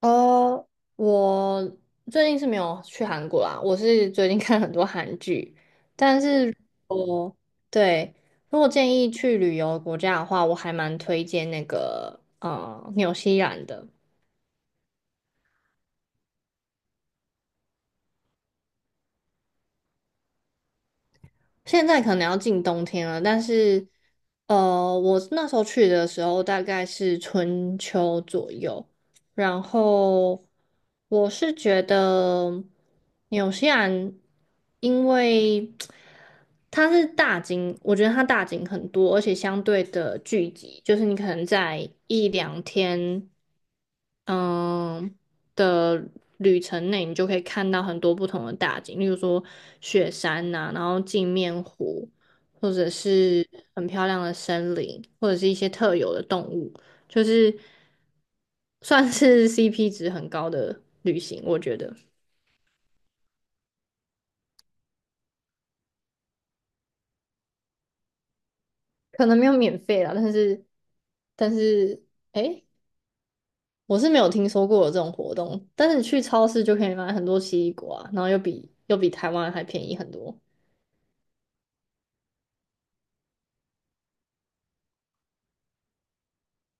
哦，我最近是没有去韩国啦，我是最近 看很多韩剧。但是我对，如果建议去旅游的国家的话，我还蛮推荐那个纽西兰的。现在可能要进冬天了，但是，我那时候去的时候大概是春秋左右。然后我是觉得纽西兰，因为它是大景，我觉得它大景很多，而且相对的聚集，就是你可能在一两天。嗯的旅程内，你就可以看到很多不同的大景，例如说雪山呐、然后镜面湖，或者是很漂亮的森林，或者是一些特有的动物，就是算是 CP 值很高的旅行，我觉得。可能没有免费啦，但是诶，我是没有听说过有这种活动，但是你去超市就可以买很多奇异果啊，然后又比台湾还便宜很多。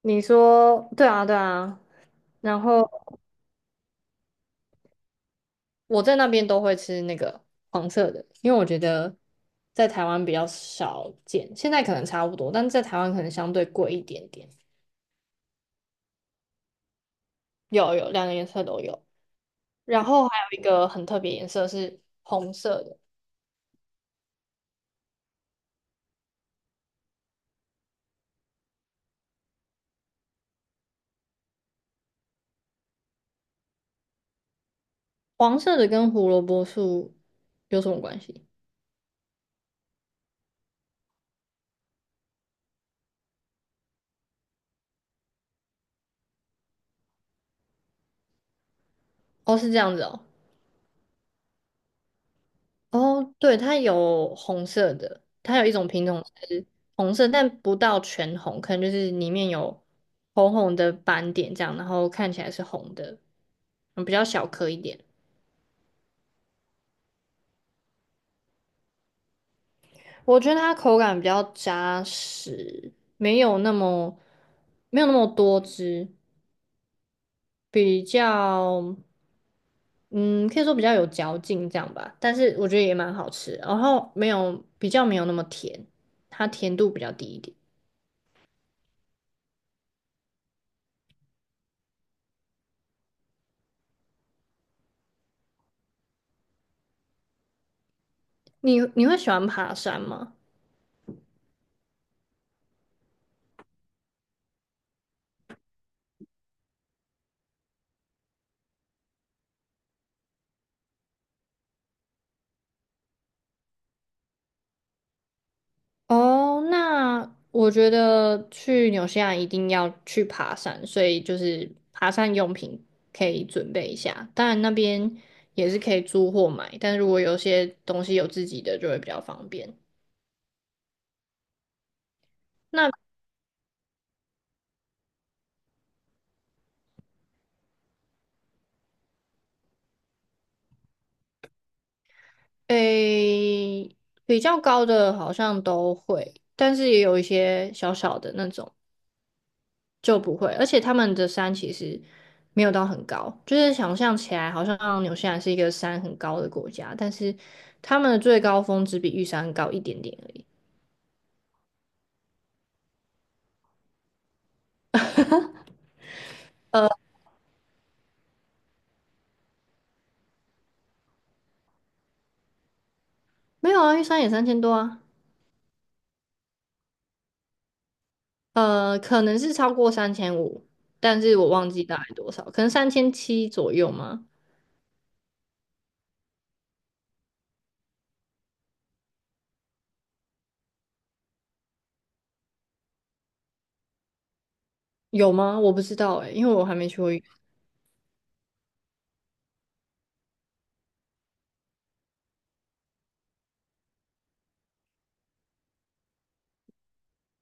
你说对啊，对啊。然后我在那边都会吃那个黄色的，因为我觉得在台湾比较少见，现在可能差不多，但是在台湾可能相对贵一点点。有有，两个颜色都有。然后还有一个很特别颜色是红色的。黄色的跟胡萝卜素有什么关系？哦，是这样子哦。哦，对，它有红色的，它有一种品种是红色，但不到全红，可能就是里面有红红的斑点这样，然后看起来是红的，比较小颗一点。我觉得它口感比较扎实，没有那么多汁，比较嗯，可以说比较有嚼劲这样吧。但是我觉得也蛮好吃，然后没有那么甜，它甜度比较低一点。你会喜欢爬山吗？哦，那我觉得去纽西兰一定要去爬山，所以就是爬山用品可以准备一下。当然那边也是可以租或买，但是如果有些东西有自己的就会比较方便。那诶，比较高的好像都会，但是也有一些小小的那种。就不会，而且他们的山其实没有到很高，就是想象起来好像纽西兰是一个山很高的国家，但是他们的最高峰只比玉山高一点点而已。没有啊，玉山也三千多啊。可能是超过3500，但是我忘记大概多少，可能3700左右吗？有吗？我不知道哎，因为我还没去过。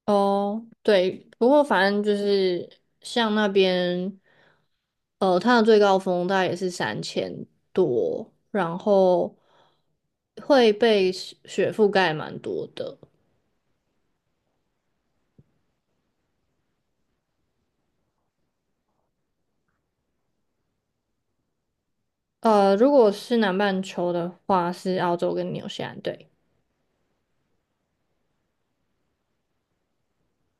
哦，对，不过反正就是像那边，它的最高峰大概也是三千多，然后会被雪覆盖蛮多的。如果是南半球的话，是澳洲跟纽西兰，对。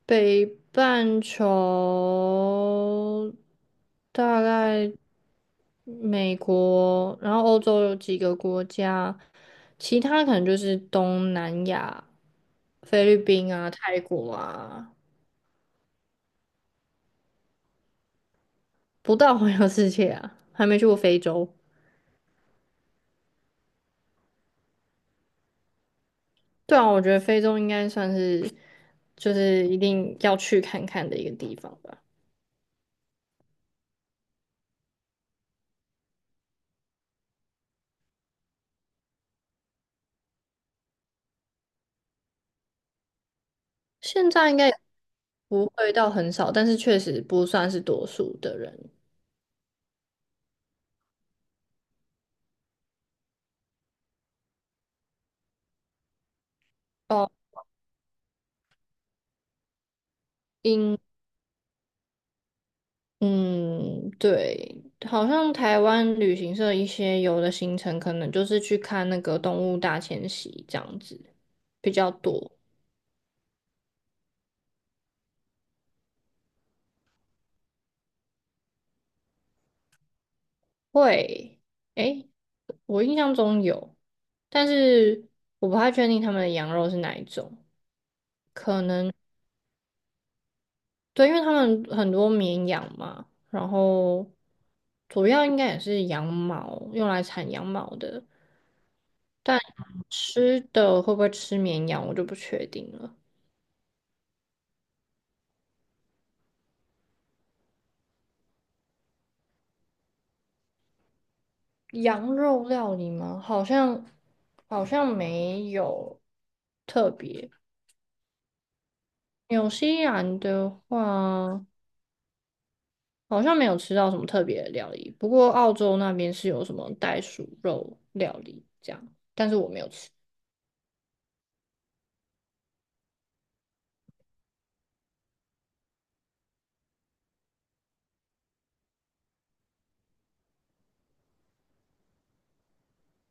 北半球大概美国，然后欧洲有几个国家，其他可能就是东南亚、菲律宾啊、泰国啊。不到环游世界啊，还没去过非洲。对啊，我觉得非洲应该算是就是一定要去看看的一个地方吧。现在应该也不会到很少，但是确实不算是多数的人。哦，英嗯，对，好像台湾旅行社一些有的行程可能就是去看那个动物大迁徙这样子比较多。会，诶，我印象中有，但是我不太确定他们的羊肉是哪一种。对，因为他们很多绵羊嘛，然后主要应该也是羊毛，用来产羊毛的。吃的会不会吃绵羊，我就不确定了。羊肉料理吗？好像没有特别。纽西兰的话，好像没有吃到什么特别的料理。不过澳洲那边是有什么袋鼠肉料理这样，但是我没有吃。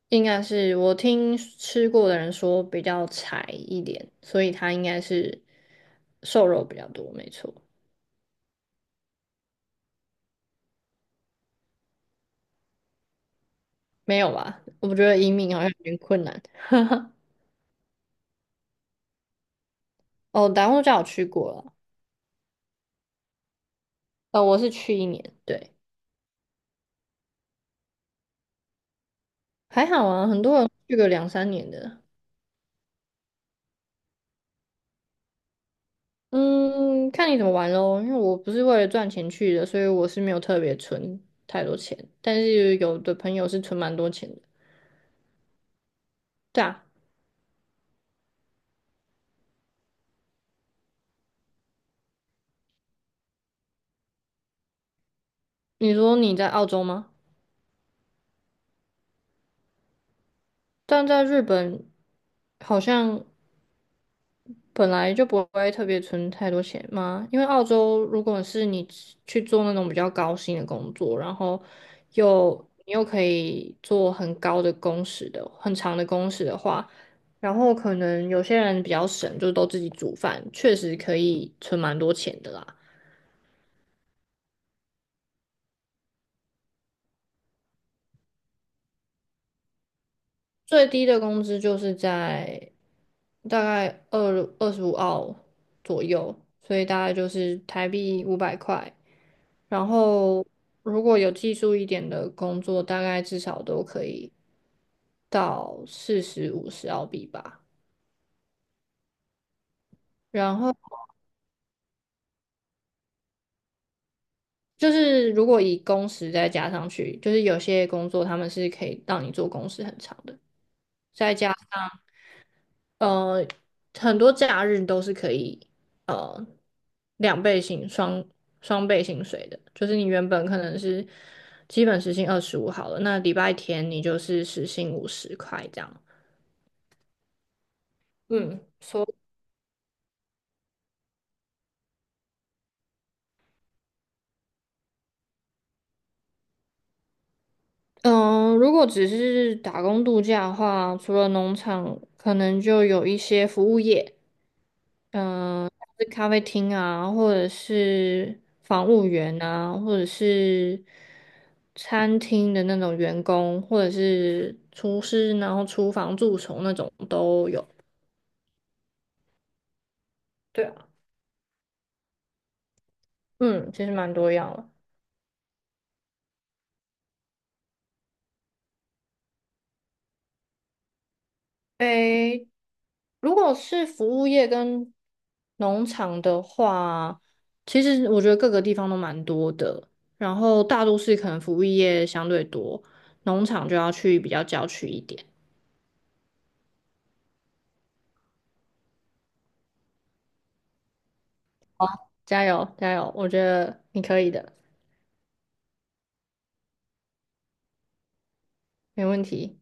应该是我听吃过的人说比较柴一点，所以它应该是瘦肉比较多，没错。没有吧？我觉得移民好像有点困难。哦，达悟家我去过了。我是去一年，对。还好啊，很多人去个两三年的。嗯，看你怎么玩咯。因为我不是为了赚钱去的，所以我是没有特别存太多钱。但是有的朋友是存蛮多钱的。对啊，你说你在澳洲吗？但在日本好像本来就不会特别存太多钱嘛，因为澳洲如果是你去做那种比较高薪的工作，然后又你又可以做很长的工时的话，然后可能有些人比较省，就都自己煮饭，确实可以存蛮多钱的啦。最低的工资就是在大概25澳左右，所以大概就是台币500块。然后如果有技术一点的工作，大概至少都可以到四十五十澳币吧。然后就是如果以工时再加上去，就是有些工作他们是可以让你做工时很长的，再加呃很多假日都是可以呃两倍薪双双倍薪水的，就是你原本可能是基本时薪二十五好了，那礼拜天你就是时薪50块这样。嗯。嗯，如果只是打工度假的话，除了农场，可能就有一些服务业，像是咖啡厅啊，或者是房务员啊，或者是餐厅的那种员工，或者是厨师，然后厨房蛀虫那种都有。对啊，嗯，其实蛮多样了。诶，如果是服务业跟农场的话，其实我觉得各个地方都蛮多的。然后大都市可能服务业相对多，农场就要去比较郊区一点。加油，加油！我觉得你可以的，没问题。